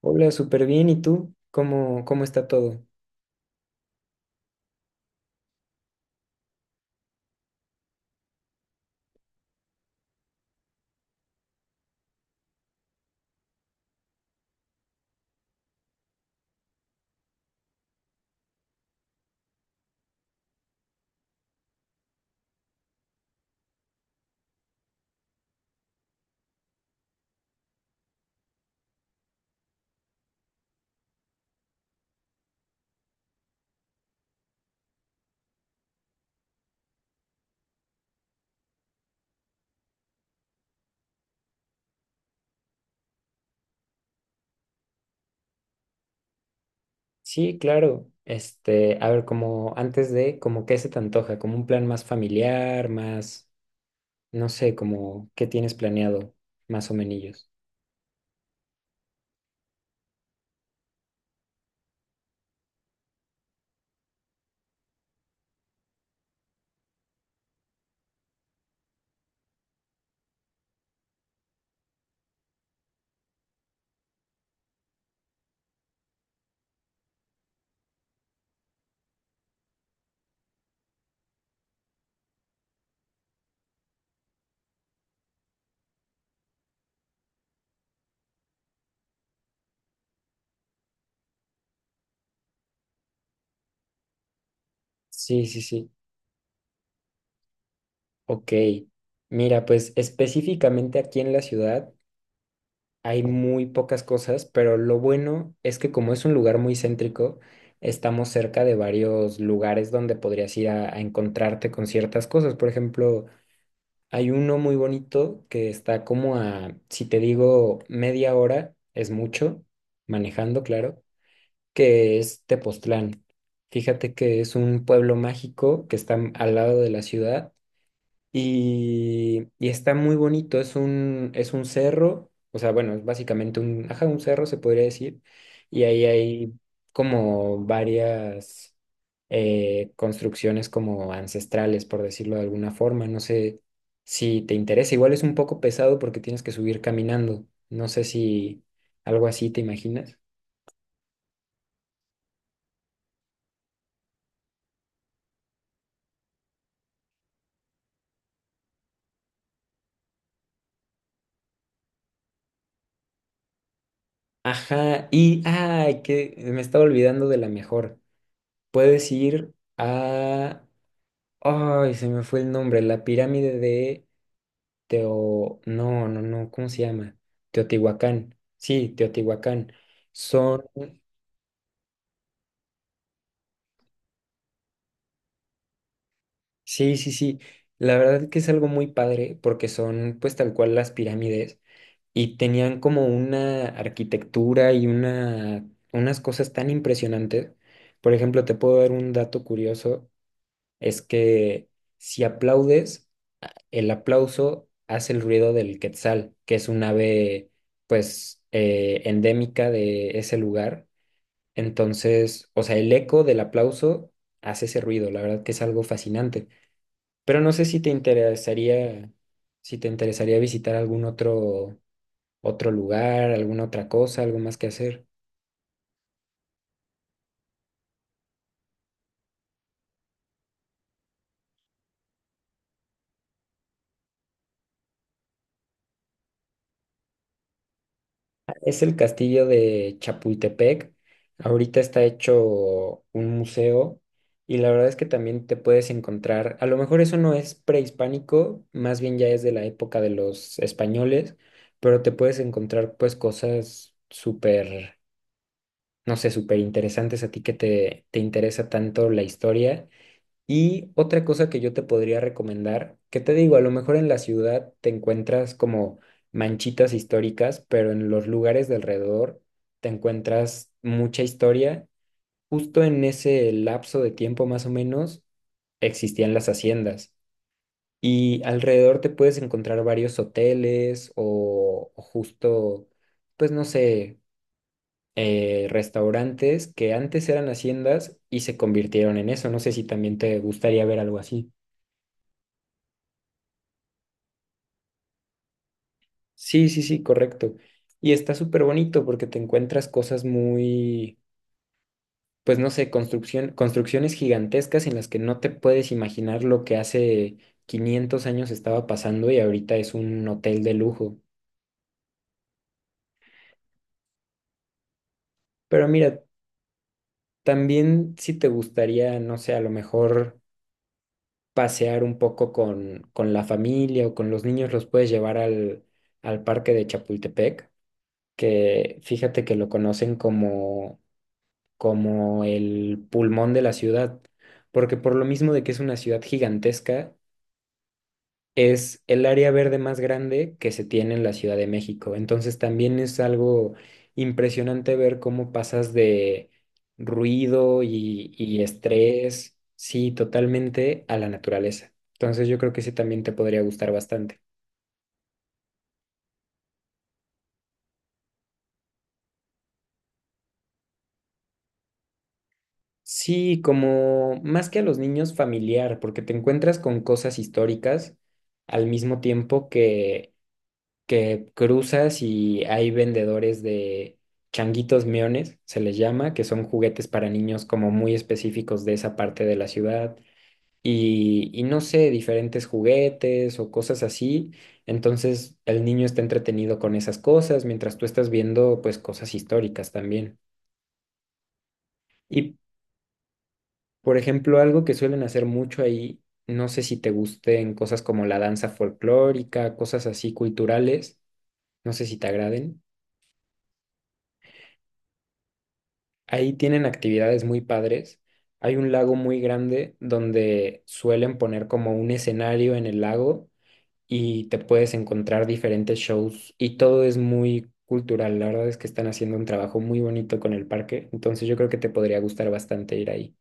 Hola, súper bien. ¿Y tú? ¿Cómo está todo? Sí, claro. Este, a ver, como qué se te antoja, como un plan más familiar, más, no sé, como qué tienes planeado, más o menos. Sí, sí, sí. Ok. Mira, pues específicamente aquí en la ciudad hay muy pocas cosas, pero lo bueno es que como es un lugar muy céntrico, estamos cerca de varios lugares donde podrías ir a encontrarte con ciertas cosas. Por ejemplo, hay uno muy bonito que está como a, si te digo media hora, es mucho, manejando, claro, que es Tepoztlán. Fíjate que es un pueblo mágico que está al lado de la ciudad y está muy bonito, es un cerro, o sea, bueno, es básicamente un, ajá, un cerro se podría decir, y ahí hay como varias construcciones como ancestrales, por decirlo de alguna forma, no sé si te interesa, igual es un poco pesado porque tienes que subir caminando, no sé si algo así te imaginas. Ajá, y, ay, que me estaba olvidando de la mejor, puedes ir a... Ay, se me fue el nombre, la pirámide de Teo... No, no, no, ¿cómo se llama? Teotihuacán. Sí, Teotihuacán. Son... Sí, sí, sí. La verdad que es algo muy padre porque son pues tal cual las pirámides y tenían como una arquitectura y una... unas cosas tan impresionantes. Por ejemplo, te puedo dar un dato curioso, es que si aplaudes el aplauso hace el ruido del quetzal, que es un ave, pues, endémica de ese lugar. Entonces, o sea, el eco del aplauso hace ese ruido, la verdad que es algo fascinante. Pero no sé si te interesaría, si te interesaría visitar algún otro, otro lugar, alguna otra cosa, algo más que hacer. Es el castillo de Chapultepec. Ahorita está hecho un museo y la verdad es que también te puedes encontrar, a lo mejor eso no es prehispánico, más bien ya es de la época de los españoles, pero te puedes encontrar pues cosas súper, no sé, súper interesantes a ti te interesa tanto la historia, y otra cosa que yo te podría recomendar, que te digo, a lo mejor en la ciudad te encuentras como manchitas históricas, pero en los lugares de alrededor te encuentras mucha historia. Justo en ese lapso de tiempo más o menos existían las haciendas y alrededor te puedes encontrar varios hoteles o justo, pues no sé, restaurantes que antes eran haciendas y se convirtieron en eso. No sé si también te gustaría ver algo así. Sí, sí, sí, correcto. Y está súper bonito porque te encuentras cosas muy, pues no sé, construcciones gigantescas en las que no te puedes imaginar lo que hace 500 años estaba pasando, y ahorita es un hotel de lujo. Pero mira, también si te gustaría, no sé, a lo mejor pasear un poco con la familia o con los niños, los puedes llevar al parque de Chapultepec, que fíjate que lo conocen como el pulmón de la ciudad, porque por lo mismo de que es una ciudad gigantesca, es el área verde más grande que se tiene en la Ciudad de México. Entonces también es algo impresionante ver cómo pasas de ruido y estrés, sí, totalmente a la naturaleza. Entonces yo creo que ese también te podría gustar bastante. Sí, como más que a los niños familiar, porque te encuentras con cosas históricas al mismo tiempo que cruzas y hay vendedores de changuitos miones, se les llama, que son juguetes para niños como muy específicos de esa parte de la ciudad. Y no sé, diferentes juguetes o cosas así. Entonces el niño está entretenido con esas cosas mientras tú estás viendo pues cosas históricas también. Y por ejemplo, algo que suelen hacer mucho ahí, no sé si te gusten cosas como la danza folclórica, cosas así culturales, no sé si te agraden. Ahí tienen actividades muy padres. Hay un lago muy grande donde suelen poner como un escenario en el lago y te puedes encontrar diferentes shows y todo es muy cultural. La verdad es que están haciendo un trabajo muy bonito con el parque, entonces yo creo que te podría gustar bastante ir ahí.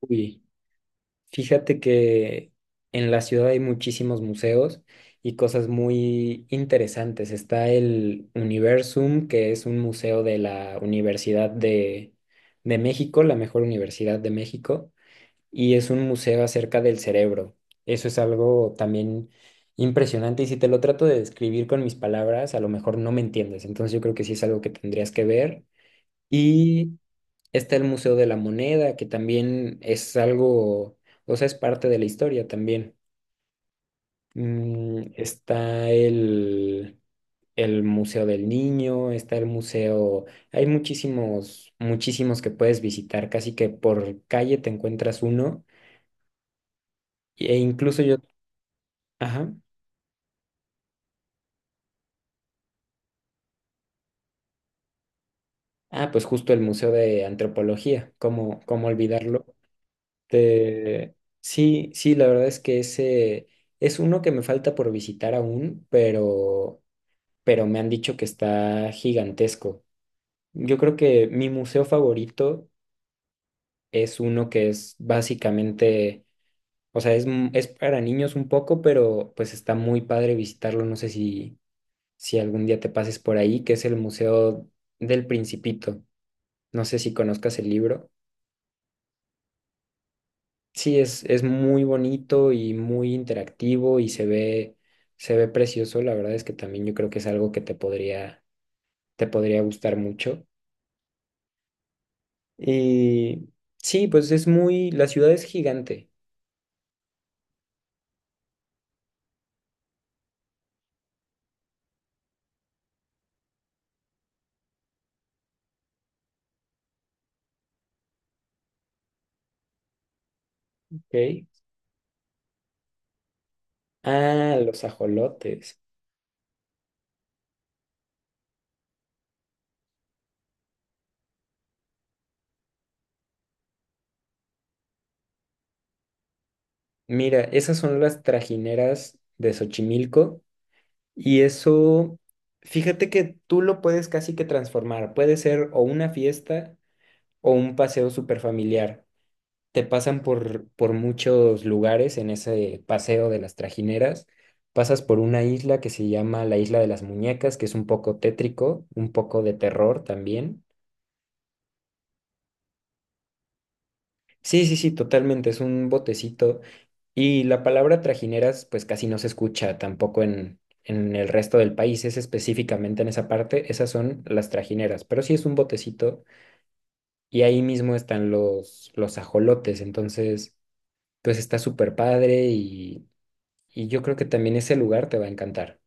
Uy. Fíjate que en la ciudad hay muchísimos museos y cosas muy interesantes. Está el Universum, que es un museo de la de México, la mejor universidad de México, y es un museo acerca del cerebro. Eso es algo también impresionante, y si te lo trato de describir con mis palabras, a lo mejor no me entiendes. Entonces yo creo que sí es algo que tendrías que ver. Y está el Museo de la Moneda, que también es algo, o sea, es parte de la historia también. Mm, el Museo del Niño, está el museo, hay muchísimos, muchísimos que puedes visitar, casi que por calle te encuentras uno, e incluso yo, ajá, ah, pues justo el Museo de Antropología, ¿cómo olvidarlo? Te- sí, sí, la verdad es que ese es uno que me falta por visitar aún, pero me han dicho que está gigantesco. Yo creo que mi museo favorito es uno que es básicamente, o sea, es para niños un poco, pero pues está muy padre visitarlo. No sé si, si algún día te pases por ahí, que es el Museo del Principito. No sé si conozcas el libro. Sí, es muy bonito y muy interactivo se ve precioso. La verdad es que también yo creo que es algo que te podría gustar mucho. Y sí, pues es muy, la ciudad es gigante, ¿ok? Ah, los ajolotes. Mira, esas son las trajineras de Xochimilco y eso, fíjate que tú lo puedes casi que transformar. Puede ser o una fiesta o un paseo súper familiar. Te pasan por muchos lugares en ese paseo de las trajineras. Pasas por una isla que se llama la Isla de las Muñecas, que es un poco tétrico, un poco de terror también. Sí, sí, sí, totalmente, es un botecito. Y la palabra trajineras pues casi no se escucha tampoco en el resto del país, es específicamente en esa parte, esas son las trajineras, pero sí es un botecito y ahí mismo están los ajolotes, entonces pues está súper padre y yo creo que también ese lugar te va a encantar.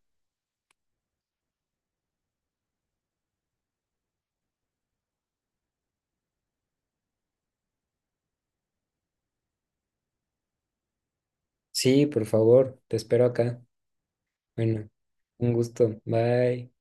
Sí, por favor, te espero acá. Bueno, un gusto, bye.